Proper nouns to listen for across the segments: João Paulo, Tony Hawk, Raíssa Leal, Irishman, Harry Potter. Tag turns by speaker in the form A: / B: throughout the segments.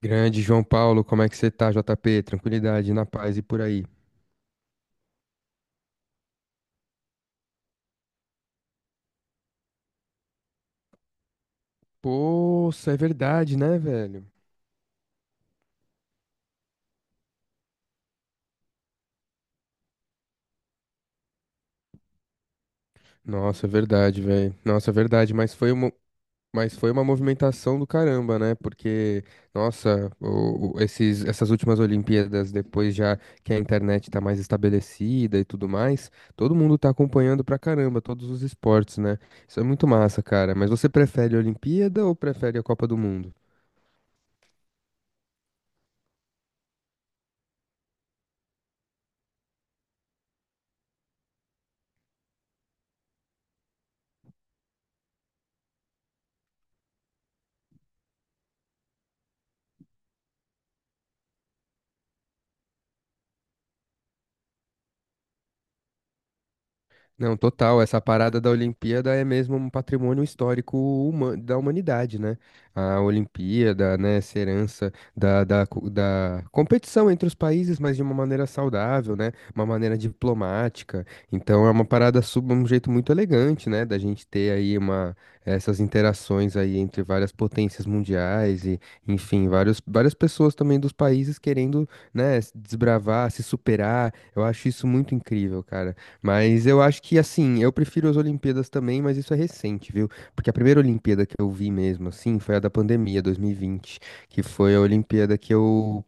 A: Grande João Paulo, como é que você tá, JP? Tranquilidade, na paz e por aí. Poxa, é verdade, né, velho? Nossa, é verdade, velho. Nossa, é verdade, mas foi uma movimentação do caramba, né? Porque, nossa, essas últimas Olimpíadas, depois já que a internet tá mais estabelecida e tudo mais, todo mundo tá acompanhando pra caramba todos os esportes, né? Isso é muito massa, cara. Mas você prefere a Olimpíada ou prefere a Copa do Mundo? Não, total. Essa parada da Olimpíada é mesmo um patrimônio histórico da humanidade, né? A Olimpíada, né, essa herança da competição entre os países, mas de uma maneira saudável, né? Uma maneira diplomática. Então é uma parada sub, um jeito muito elegante, né? Da gente ter essas interações aí entre várias potências mundiais e, enfim, várias pessoas também dos países querendo, né, desbravar, se superar. Eu acho isso muito incrível, cara. Mas eu acho que, assim, eu prefiro as Olimpíadas também, mas isso é recente, viu? Porque a primeira Olimpíada que eu vi mesmo, assim, foi a da pandemia, 2020, que foi a Olimpíada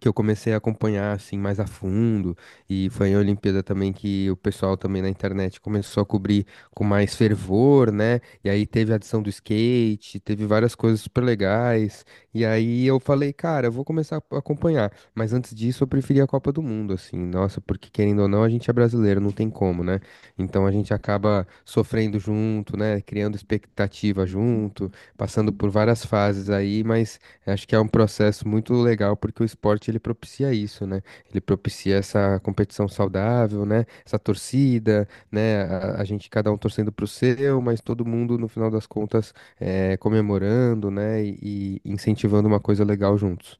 A: que eu comecei a acompanhar assim mais a fundo e foi a Olimpíada também que o pessoal também na internet começou a cobrir com mais fervor, né? E aí teve a adição do skate, teve várias coisas super legais. E aí eu falei, cara, eu vou começar a acompanhar, mas antes disso eu preferia a Copa do Mundo assim. Nossa, porque querendo ou não, a gente é brasileiro, não tem como, né? Então a gente acaba sofrendo junto, né? Criando expectativa junto, passando por várias fases aí, mas acho que é um processo muito legal porque o esporte ele propicia isso, né? Ele propicia essa competição saudável, né? Essa torcida, né? A gente cada um torcendo pro seu, mas todo mundo no final das contas comemorando, né? E incentivando uma coisa legal juntos.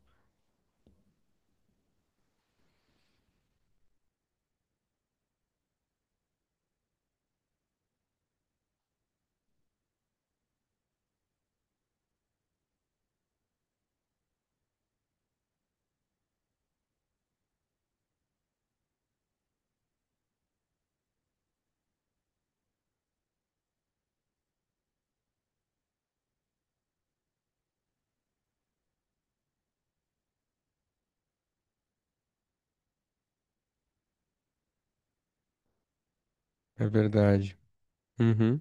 A: É verdade. Uhum.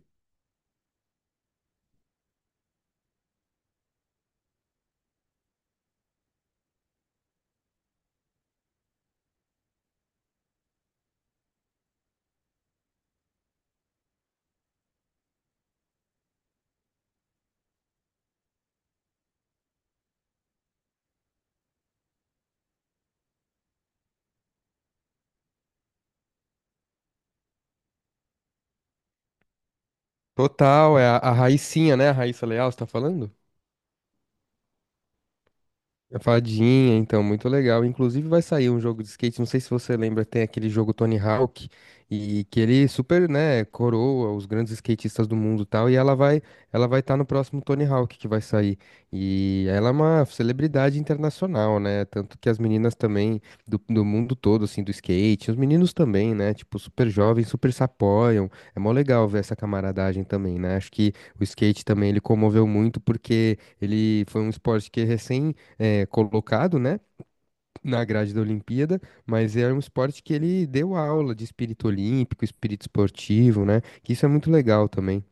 A: Total, é a Raicinha, né? A Raíssa Leal, você tá falando? A Fadinha, então, muito legal. Inclusive vai sair um jogo de skate, não sei se você lembra, tem aquele jogo Tony Hawk, e que ele super, né, coroa os grandes skatistas do mundo e tal, ela vai estar no próximo Tony Hawk que vai sair. E ela é uma celebridade internacional, né? Tanto que as meninas também do mundo todo, assim, do skate, os meninos também, né? Tipo, super jovens, super se apoiam. É mó legal ver essa camaradagem também, né? Acho que o skate também ele comoveu muito porque ele foi um esporte que recém colocado, né, na grade da Olimpíada, mas é um esporte que ele deu aula de espírito olímpico, espírito esportivo, né? Que isso é muito legal também.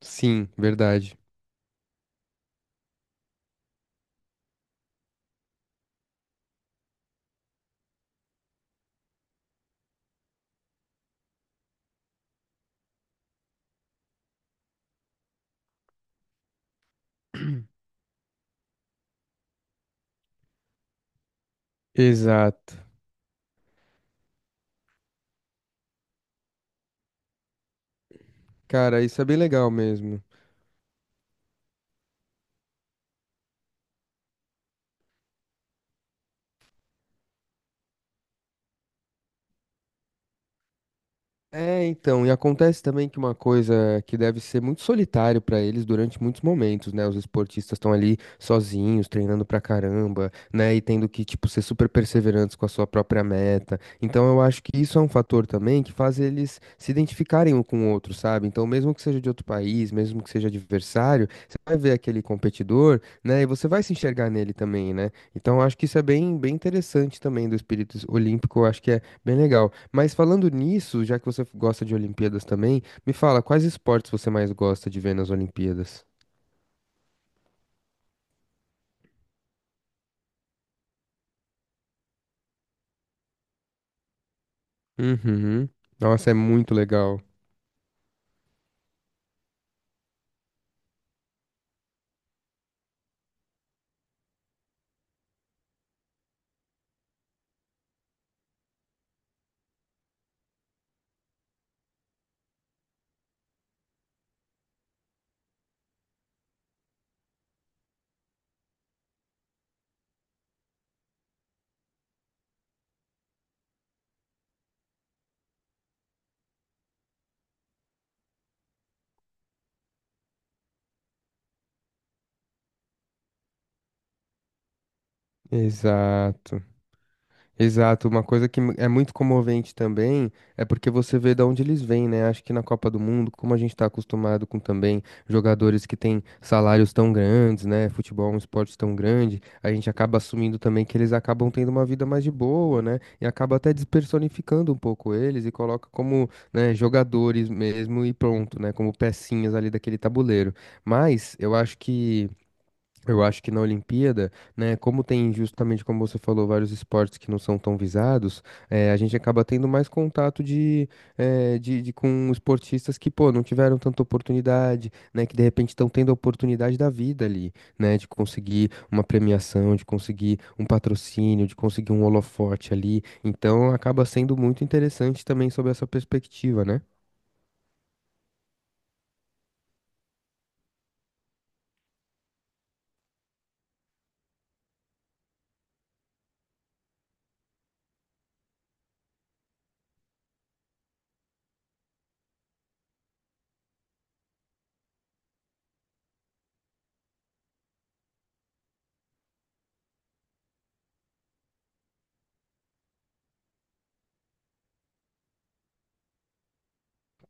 A: Sim, verdade. Exato. Cara, isso é bem legal mesmo. É, então, e acontece também que uma coisa que deve ser muito solitário pra eles durante muitos momentos, né? Os esportistas estão ali sozinhos, treinando pra caramba, né? E tendo que, tipo, ser super perseverantes com a sua própria meta. Então, eu acho que isso é um fator também que faz eles se identificarem um com o outro, sabe? Então, mesmo que seja de outro país, mesmo que seja adversário, você vai ver aquele competidor, né? E você vai se enxergar nele também, né? Então, eu acho que isso é bem, bem interessante também do espírito olímpico, eu acho que é bem legal. Mas falando nisso, já que você gosta de Olimpíadas também, me fala, quais esportes você mais gosta de ver nas Olimpíadas? Uhum. Nossa, é muito legal. Exato. Exato, uma coisa que é muito comovente também é porque você vê de onde eles vêm, né? Acho que na Copa do Mundo, como a gente está acostumado com também jogadores que têm salários tão grandes, né? Futebol é um esporte tão grande, a gente acaba assumindo também que eles acabam tendo uma vida mais de boa, né? E acaba até despersonificando um pouco eles e coloca como, né, jogadores mesmo e pronto, né? Como pecinhas ali daquele tabuleiro. Mas eu acho que. Eu acho que na Olimpíada, né, como tem justamente como você falou, vários esportes que não são tão visados, a gente acaba tendo mais contato de com esportistas que, pô, não tiveram tanta oportunidade, né, que de repente estão tendo a oportunidade da vida ali, né, de conseguir uma premiação, de conseguir um patrocínio, de conseguir um holofote ali. Então acaba sendo muito interessante também sob essa perspectiva, né?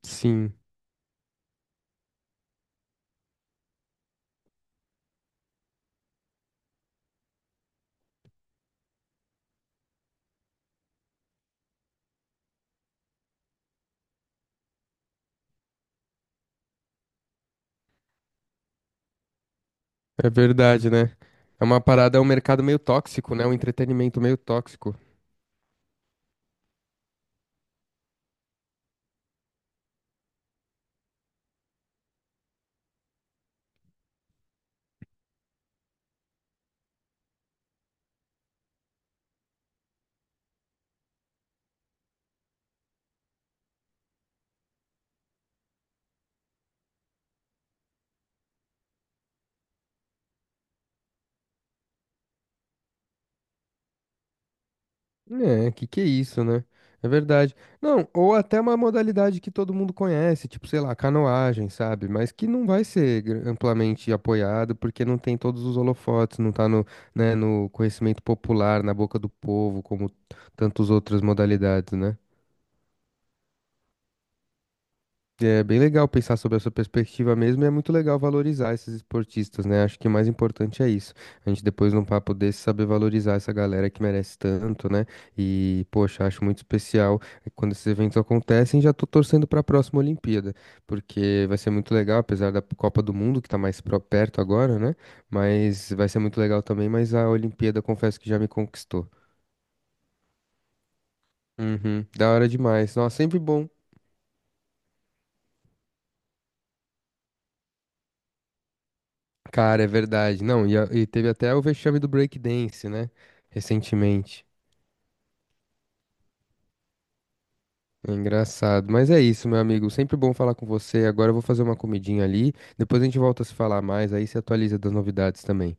A: Sim, é verdade, né? É uma parada, é um mercado meio tóxico, né? Um entretenimento meio tóxico. É, que é isso, né? É verdade. Não, ou até uma modalidade que todo mundo conhece, tipo, sei lá, canoagem, sabe? Mas que não vai ser amplamente apoiado porque não tem todos os holofotes, não tá no, né, no conhecimento popular, na boca do povo, como tantas outras modalidades, né? É bem legal pensar sobre essa perspectiva mesmo, e é muito legal valorizar esses esportistas, né? Acho que o mais importante é isso. A gente depois num papo desse saber valorizar essa galera que merece tanto, né? E, poxa, acho muito especial quando esses eventos acontecem, já tô torcendo para a próxima Olimpíada, porque vai ser muito legal, apesar da Copa do Mundo que tá mais perto agora, né? Mas vai ser muito legal também, mas a Olimpíada confesso que já me conquistou. Uhum, da hora demais. Nossa, sempre bom. Cara, é verdade. Não, e, e teve até o vexame do breakdance, né? Recentemente. É engraçado. Mas é isso, meu amigo. Sempre bom falar com você. Agora eu vou fazer uma comidinha ali. Depois a gente volta a se falar mais. Aí se atualiza das novidades também.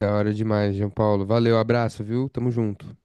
A: Da hora demais, João Paulo. Valeu, abraço, viu? Tamo junto.